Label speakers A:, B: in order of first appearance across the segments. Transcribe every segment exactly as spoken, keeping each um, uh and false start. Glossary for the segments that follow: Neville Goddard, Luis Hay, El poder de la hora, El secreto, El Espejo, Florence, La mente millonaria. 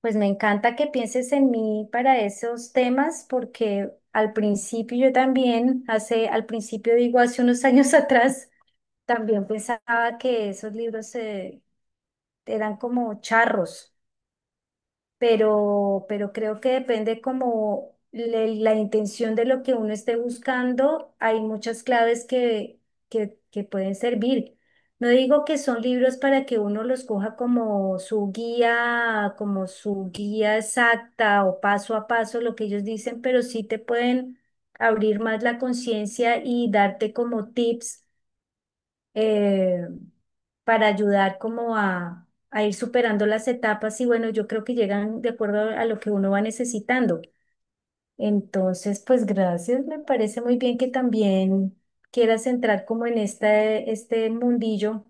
A: Pues me encanta que pienses en mí para esos temas porque al principio yo también, hace, al principio digo, hace unos años atrás, también pensaba que esos libros eh, eran como charros. pero, pero creo que depende como le- la intención de lo que uno esté buscando. Hay muchas claves que, que, que pueden servir. No digo que son libros para que uno los coja como su guía, como su guía exacta o paso a paso, lo que ellos dicen, pero sí te pueden abrir más la conciencia y darte como tips eh, para ayudar como a, a ir superando las etapas. Y bueno, yo creo que llegan de acuerdo a lo que uno va necesitando. Entonces, pues gracias, me parece muy bien que también quieras entrar como en este, este mundillo,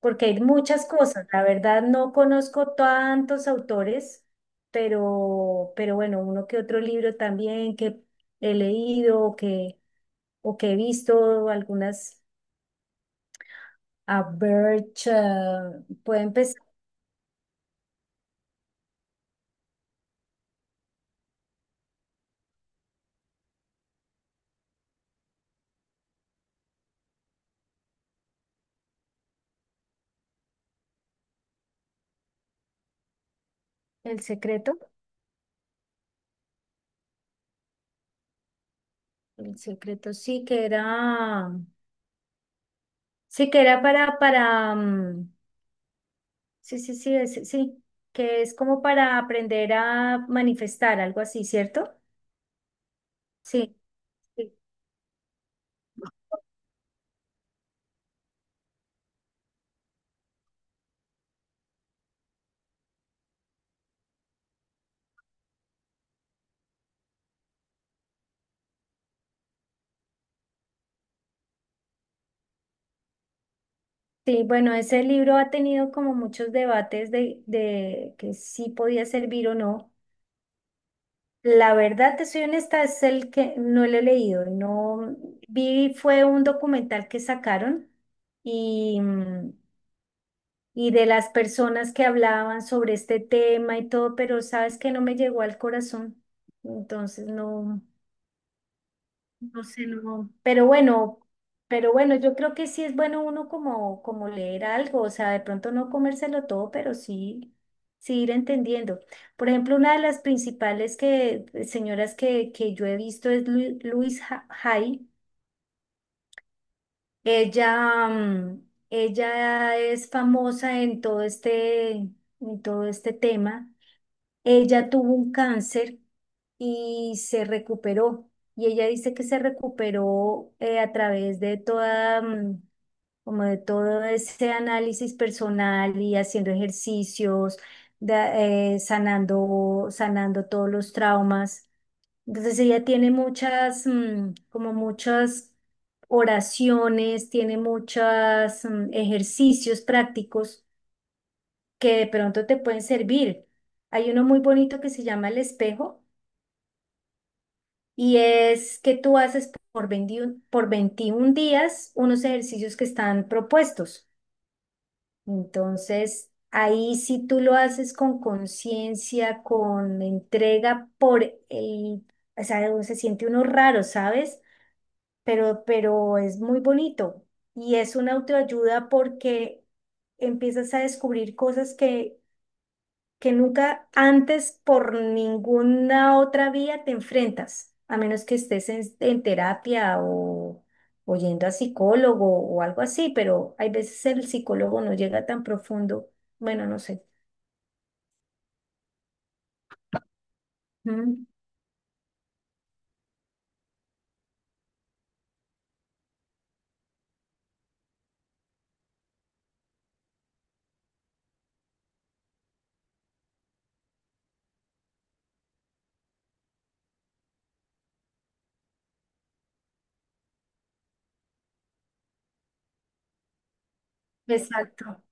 A: porque hay muchas cosas, la verdad no conozco tantos autores, pero, pero bueno, uno que otro libro también que he leído o que, o que he visto algunas. A Birch, eh, puede empezar el secreto. El secreto sí que era, sí que era para, para, mm, sí, sí, sí, es- sí, que es como para aprender a manifestar, algo así, ¿cierto? Sí. Sí, sí, bueno, ese libro ha tenido como muchos debates de, de que sí podía servir o no. La verdad, te soy honesta, es el que no lo he leído. No vi, fue un documental que sacaron y, mm, y de las personas que hablaban sobre este tema y todo, pero sabes que no me llegó al corazón. Entonces no. No sé, no. Pero bueno, pero bueno, yo creo que sí es bueno uno como, como leer algo, o sea, de pronto no comérselo todo, pero sí, sí ir entendiendo. Por ejemplo, una de las principales que, señoras que, que yo he visto es Luis Hay. Ella, mm, ella es famosa en todo este, en todo este tema. Ella tuvo un cáncer y se recuperó. Y ella dice que se recuperó, eh, a través de toda, mm, como de todo ese análisis personal y haciendo ejercicios, da- eh, sanando, sanando todos los traumas. Entonces ella tiene muchas, mm, como muchas oraciones, tiene muchos ejercicios prácticos que de pronto te pueden servir. Hay uno muy bonito que se llama El Espejo, y es que tú haces por veintiuno, por veintiún días unos ejercicios que están propuestos. Entonces, ahí si tú lo haces con conciencia, con entrega, por el, o sea, se siente uno raro, ¿sabes? Pero, pero es muy bonito y es una autoayuda porque empiezas a descubrir cosas que que nunca antes por ninguna otra vía te enfrentas, a menos que estés en, en terapia o, o yendo a psicólogo o algo así, pero hay veces el psicólogo no llega tan profundo, bueno, no sé. Ujú. Exacto.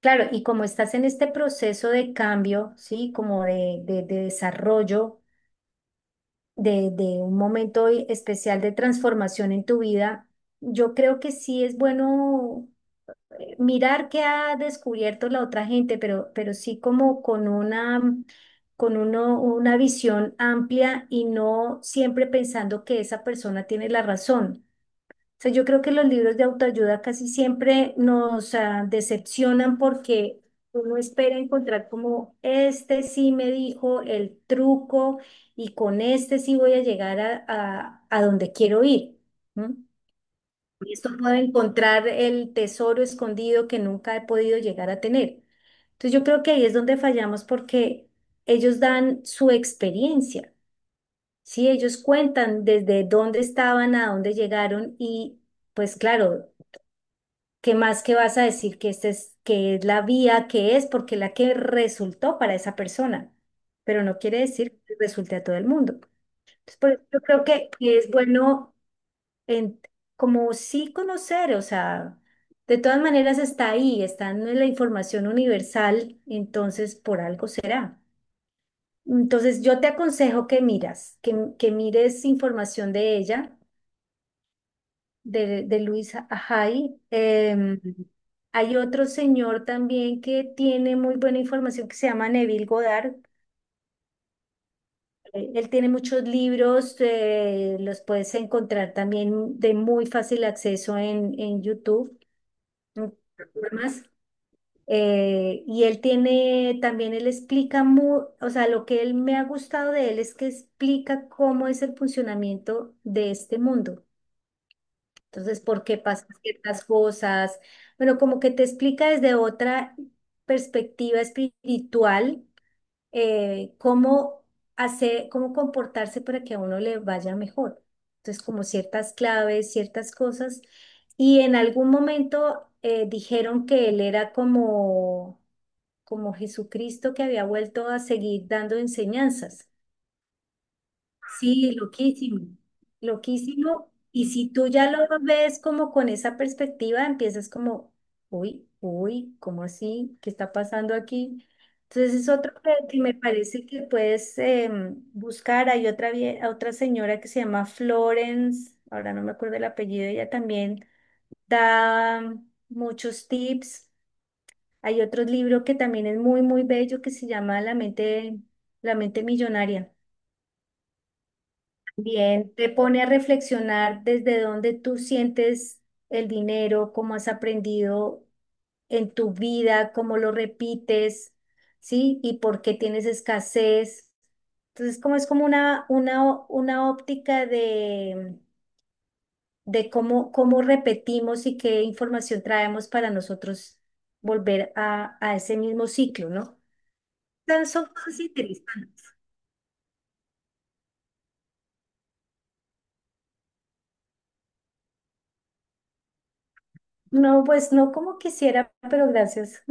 A: Claro, y como estás en este proceso de cambio, ¿sí? Como de, de- de desarrollo, de, de un momento especial de transformación en tu vida, yo creo que sí es bueno, eh, mirar qué ha descubierto la otra gente, pero, pero sí como con una, con uno, una visión amplia y no siempre pensando que esa persona tiene la razón. O sea, yo creo que los libros de autoayuda casi siempre nos ah, decepcionan porque uno espera encontrar como este sí me dijo el truco y con este sí voy a llegar a, a, a donde quiero ir. ¿No? Y esto puedo encontrar el tesoro escondido que nunca he podido llegar a tener. Entonces yo creo que ahí es donde fallamos porque ellos dan su experiencia, ¿sí? Ellos cuentan desde dónde estaban a dónde llegaron y pues claro, ¿qué más que vas a decir que esta es, que es la vía que es? Porque la que resultó para esa persona, pero no quiere decir que resulte a todo el mundo. Entonces por eso yo creo que que es bueno en- como sí conocer, o sea, de todas maneras está ahí, está en la información universal, entonces por algo será. Entonces yo te aconsejo que miras, que, que mires información de ella, de, de Luisa Ajay. Em, hay otro señor también que tiene muy buena información que se llama Neville Goddard. Eh, Él tiene muchos libros, eh, los puedes encontrar también de muy fácil acceso en, en YouTube, en plataformas. Eh, y él tiene, también él explica, mu- o sea, lo que él me ha gustado de él es que explica cómo es el funcionamiento de este mundo. Entonces, por qué pasan ciertas cosas. Bueno, como que te explica desde otra perspectiva espiritual, eh, cómo hacer, cómo comportarse para que a uno le vaya mejor. Entonces, como ciertas claves, ciertas cosas. Y en algún momento, eh, dijeron que él era como, como Jesucristo que había vuelto a seguir dando enseñanzas. Sí, loquísimo, loquísimo. Y si tú ya lo ves como con esa perspectiva, empiezas como, uy, uy, ¿cómo así? ¿Qué está pasando aquí? Entonces es otro que, que me parece que puedes em, buscar. Hay otra, vie- otra señora que se llama Florence, ahora no me acuerdo el apellido, ella también da muchos tips. Hay otro libro que también es muy, muy bello que se llama La mente, La mente millonaria. Bien, te pone a reflexionar desde dónde tú sientes el dinero, cómo has aprendido en tu vida, cómo lo repites, ¿sí? Y por qué tienes escasez. Entonces, como es como una, una, ó- una óptica de, de cómo, cómo repetimos y qué información traemos para nosotros volver a, a ese mismo ciclo, ¿no? Entonces, son cosas interesantes. No, pues no como quisiera, pero gracias.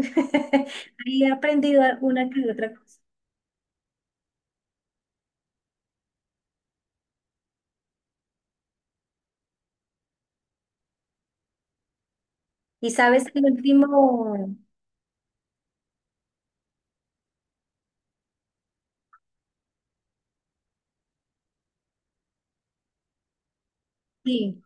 A: Ahí he aprendido una que otra cosa. Y sabes que el último, sí,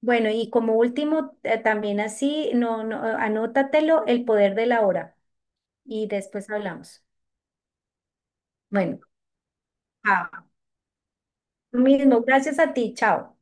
A: bueno, y como último, eh, también así, no, no, anótatelo, el poder de la hora. Y después hablamos. Bueno, chao. Lo mismo, gracias a ti, chao.